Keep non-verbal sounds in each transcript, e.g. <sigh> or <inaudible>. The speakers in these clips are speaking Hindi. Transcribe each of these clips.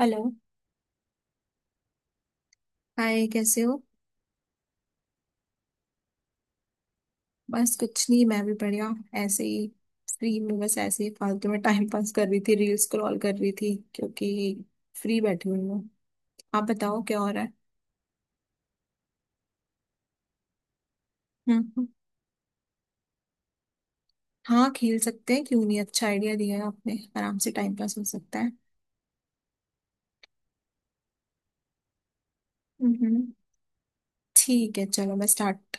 हेलो। हाय, कैसे हो? बस कुछ नहीं, मैं भी बढ़िया, ऐसे ही। फ्री में बस ऐसे ही फालतू में टाइम पास कर रही थी, रील्स स्क्रॉल कर रही थी क्योंकि फ्री बैठी हुई हूँ। आप बताओ क्या हो रहा है। हम्म। हाँ, खेल सकते हैं, क्यों नहीं। अच्छा आइडिया दिया है आपने, आराम से टाइम पास हो सकता है। हम्म। ठीक है, चलो मैं स्टार्ट।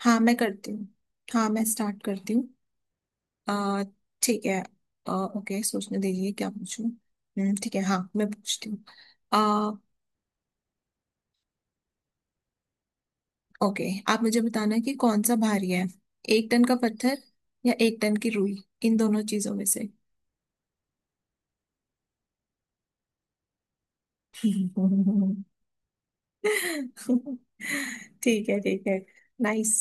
हाँ मैं करती हूँ। हाँ मैं स्टार्ट करती हूँ। अ, ठीक है। अ, ओके, सोचने दीजिए क्या पूछूं। ठीक है, हाँ मैं पूछती हूँ। ओके, आप मुझे बताना कि कौन सा भारी है, एक टन का पत्थर या एक टन की रुई, इन दोनों चीजों में से। <laughs> ठीक है ठीक है। नाइस।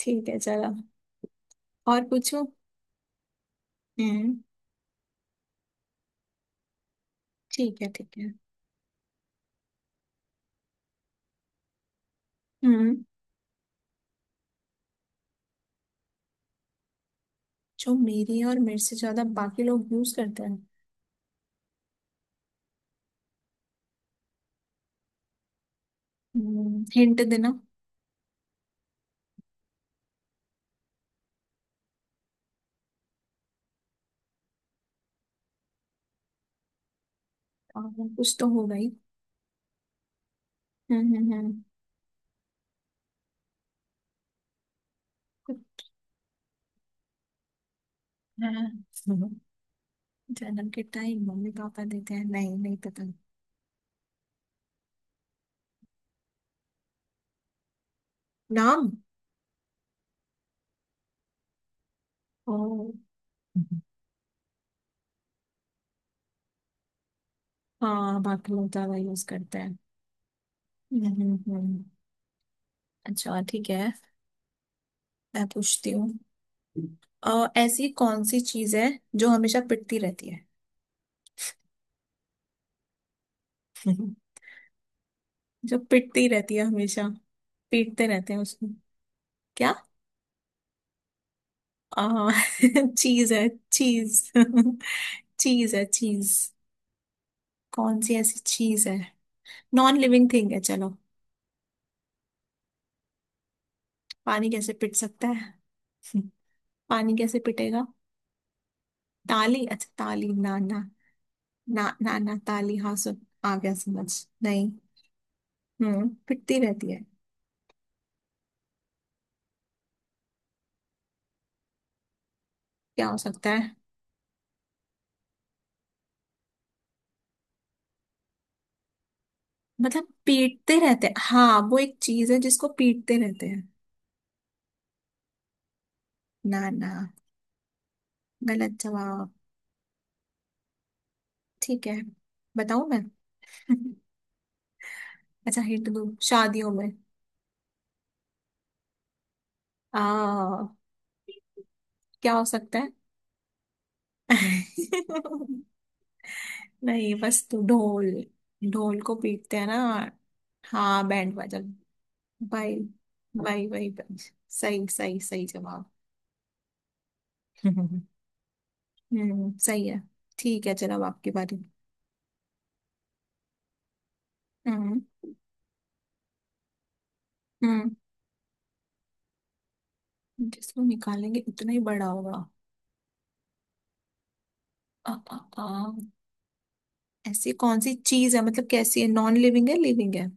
ठीक है चलो। और पूछो। हम्म। ठीक है ठीक है। हम्म। जो मेरे और मेरे से ज्यादा बाकी लोग यूज करते हैं। हम्म, हिंट देना। और कुछ तो होगा ही। हम्म। कुछ- हाँ। जन्म के टाइम मम्मी पापा देते हैं? नहीं, नहीं पता। नाम। ओ। हाँ, बाकी लोग ज्यादा यूज करते हैं। हम्म। अच्छा, ठीक है। मैं पूछती हूँ। ऐसी कौन सी चीज है जो हमेशा पिटती रहती है? <laughs> जो पिटती रहती है हमेशा, पीटते रहते हैं उसको। क्या? आ, <laughs> चीज है, चीज। <laughs> चीज है, चीज। कौन सी ऐसी चीज है, नॉन लिविंग थिंग है, चलो। पानी कैसे पिट सकता है? <laughs> पानी कैसे पिटेगा? ताली? अच्छा ताली, ना ना। ना ना ना ताली, हाँ, सुन आ गया समझ। नहीं। हम्म, पिटती रहती है, क्या हो सकता है? मतलब पीटते रहते हैं, हाँ वो एक चीज है जिसको पीटते रहते हैं। ना ना, गलत जवाब। ठीक है, बताऊं मैं? <laughs> अच्छा, हिंट दूं, शादियों में आ क्या हो सकता है? <laughs> नहीं, बस तू ढोल, ढोल को पीटते हैं ना। हाँ बैंड बाजन। भाई, भाई भाई भाई, सही सही सही जवाब। <laughs> हम्म, सही है। ठीक है, चल अब आपकी बारी। हम्म। हम्म, जिसको निकालेंगे उतना ही बड़ा होगा। आ, आ, आ, ऐसी कौन सी चीज है, मतलब कैसी है, नॉन लिविंग है, लिविंग है?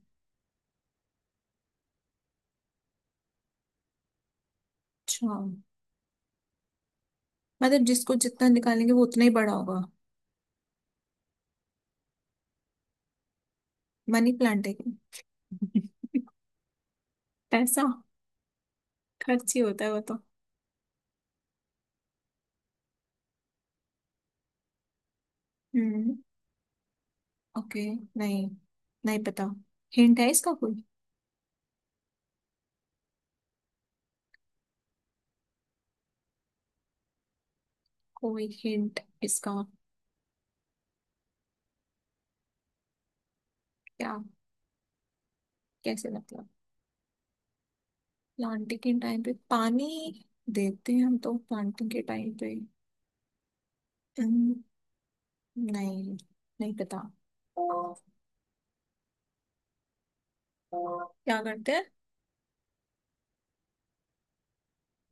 अच्छा। मतलब जिसको जितना निकालेंगे वो उतना ही बड़ा होगा। मनी प्लांट है क्या? <laughs> पैसा खर्च ही होता है वो तो। हम्म, ओके। नहीं, नहीं पता। हिंट है इसका कोई? कोई हिंट इसका। क्या? कैसे लगता है? प्लांटिंग के टाइम पे पानी देते हैं हम तो प्लांटिंग के टाइम पे। अम्म, नहीं, नहीं पता। क्या करते हैं?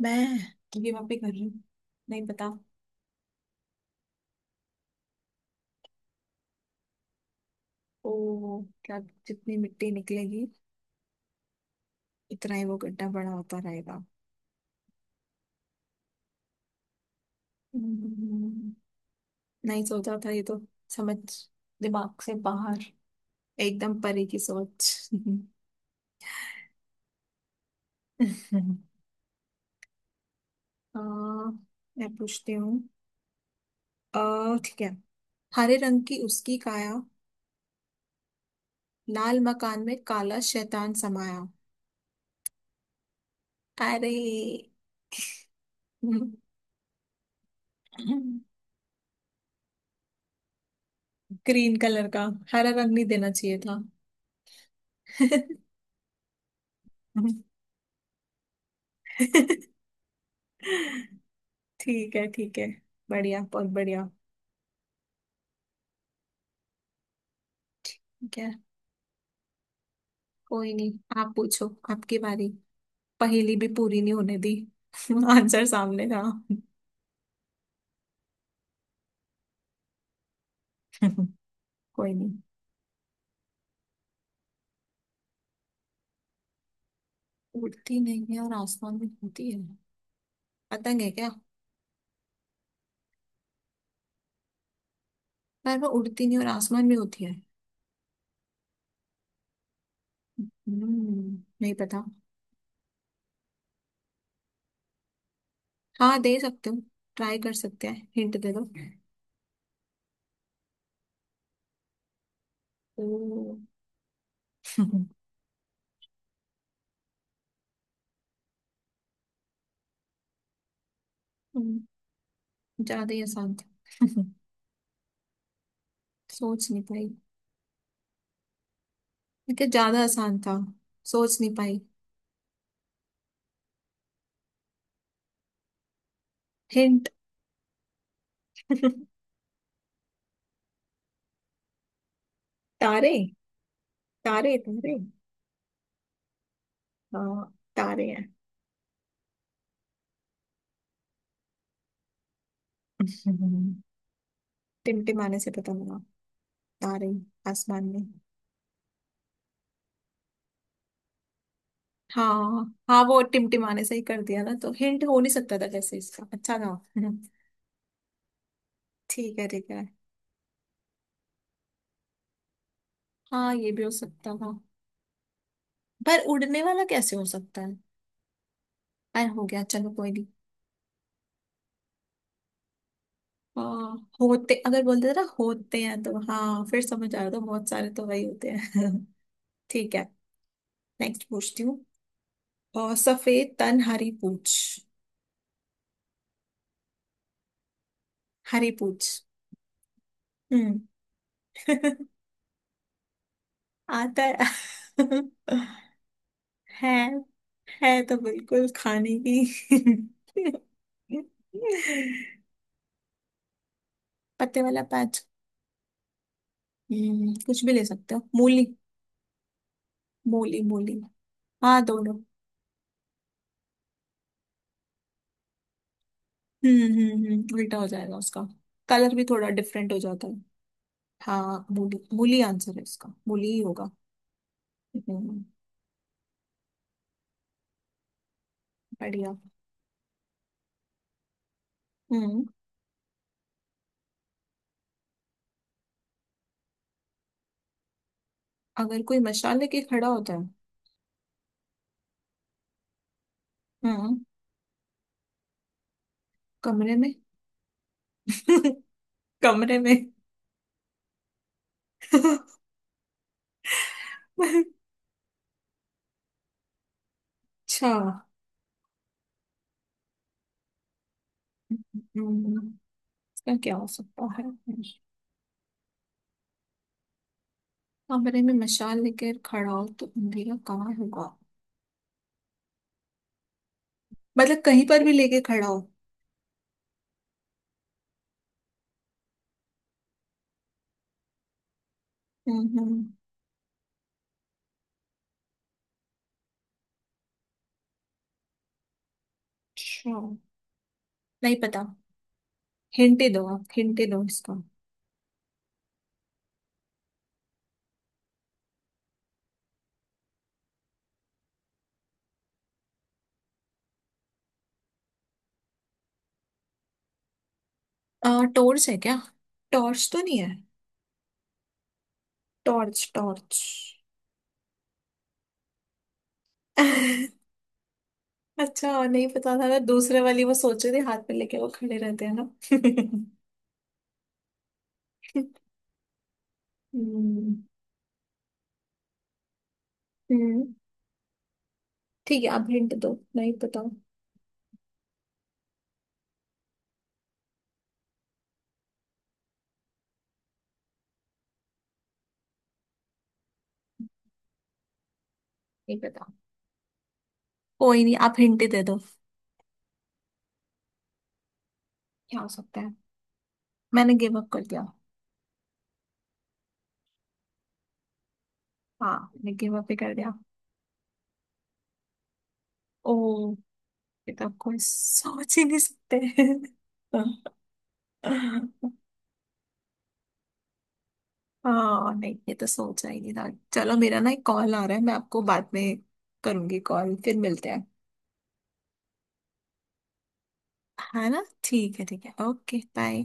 मैं गिव अप ही कर रही हूँ, नहीं पता। ओ, क्या? जितनी मिट्टी निकलेगी इतना ही वो गड्ढा बड़ा होता रहेगा। हम्म, नहीं सोचा था ये तो। समझ, दिमाग से बाहर, एकदम परे की सोच। <laughs> आ, मैं पूछती हूँ। अ, ठीक है। हरे रंग की उसकी काया, लाल मकान में काला शैतान समाया। अरे! ग्रीन कलर का, हरा रंग नहीं देना चाहिए था। ठीक है ठीक है। बढ़िया, बहुत बढ़िया। ठीक है, कोई नहीं। आप पूछो, आपकी बारी। पहेली भी पूरी नहीं होने दी, आंसर सामने था। कोई नहीं। उड़ती नहीं है और आसमान में होती है, पतंग है क्या? पर वो उड़ती नहीं और आसमान में होती है? हम्म, नहीं पता। हाँ, दे सकते हो, ट्राई कर सकते हैं, हिंट दे दो। ओ। हम्म, <laughs> ज्यादा ही आसान था। <laughs> सोच नहीं पाई, लेकिन ज्यादा आसान था, सोच नहीं पाई। हिंट। <laughs> तारे। तारे तारे। हाँ, तारे हैं। <laughs> हम्म। टिमटिमाने से पता लगा, तारे आसमान में। हाँ हाँ, वो टिमटिमाने से ही कर दिया ना, तो हिंट हो नहीं सकता था कैसे इसका, अच्छा था। <laughs> हम्म, ठीक है ठीक है। हाँ, ये भी हो सकता था। पर उड़ने वाला कैसे हो सकता है? अरे, हो गया, चलो कोई नहीं। आ, होते अगर बोल देते ना, होते हैं तो हाँ फिर समझ आया, तो बहुत सारे तो वही होते हैं। <laughs> ठीक है। नेक्स्ट पूछती हूँ। और सफेद तन, हरी पूछ। हरी पूछ। हम्म। <laughs> आता है। <laughs> है है तो बिल्कुल खाने की। <laughs> पत्ते वाला पैच। हम्म, कुछ भी ले सकते हो, मूली। मूली मूली। हाँ दोनों। उल्टा हो जाएगा उसका, कलर भी थोड़ा डिफरेंट हो जाता है। हाँ, मूली मूली आंसर है इसका, मूली ही होगा। हम्म, बढ़िया। हम्म। अगर कोई मशाल लेके खड़ा होता है। हम्म। कमरे में। <laughs> कमरे में। <laughs> अच्छा। हम्म, इसका क्या हो सकता है? कमरे में मशाल लेकर खड़ा हो तो अंधेरा कहाँ होगा, मतलब कहीं पर भी लेके खड़ा हो। हम्म। अच्छा, नहीं पता। हिंटे दो, आप हिंटे दो इसका। टॉर्च है क्या? टॉर्च तो नहीं है। Torch torch. <laughs> अच्छा, और नहीं पता था, मैं दूसरे वाली वो सोच रही थी हाथ में लेके वो खड़े रहते हैं ना। <laughs> हम्म। हम्म, ठीक है, आप हिंट दो, नहीं पता। नहीं पता, कोई नहीं, आप हिंट दे दो, क्या हो सकता है? मैंने गिव अप कर दिया। हाँ, मैंने गिव अप ही कर दिया। ओ, ये तो कोई सोच ही नहीं सकते। <laughs> हाँ, नहीं, ये तो सोचा ही नहीं था। चलो मेरा ना एक कॉल आ रहा है, मैं आपको बाद में करूंगी कॉल, फिर मिलते हैं। है ना, ठीक है ठीक है, ओके बाय।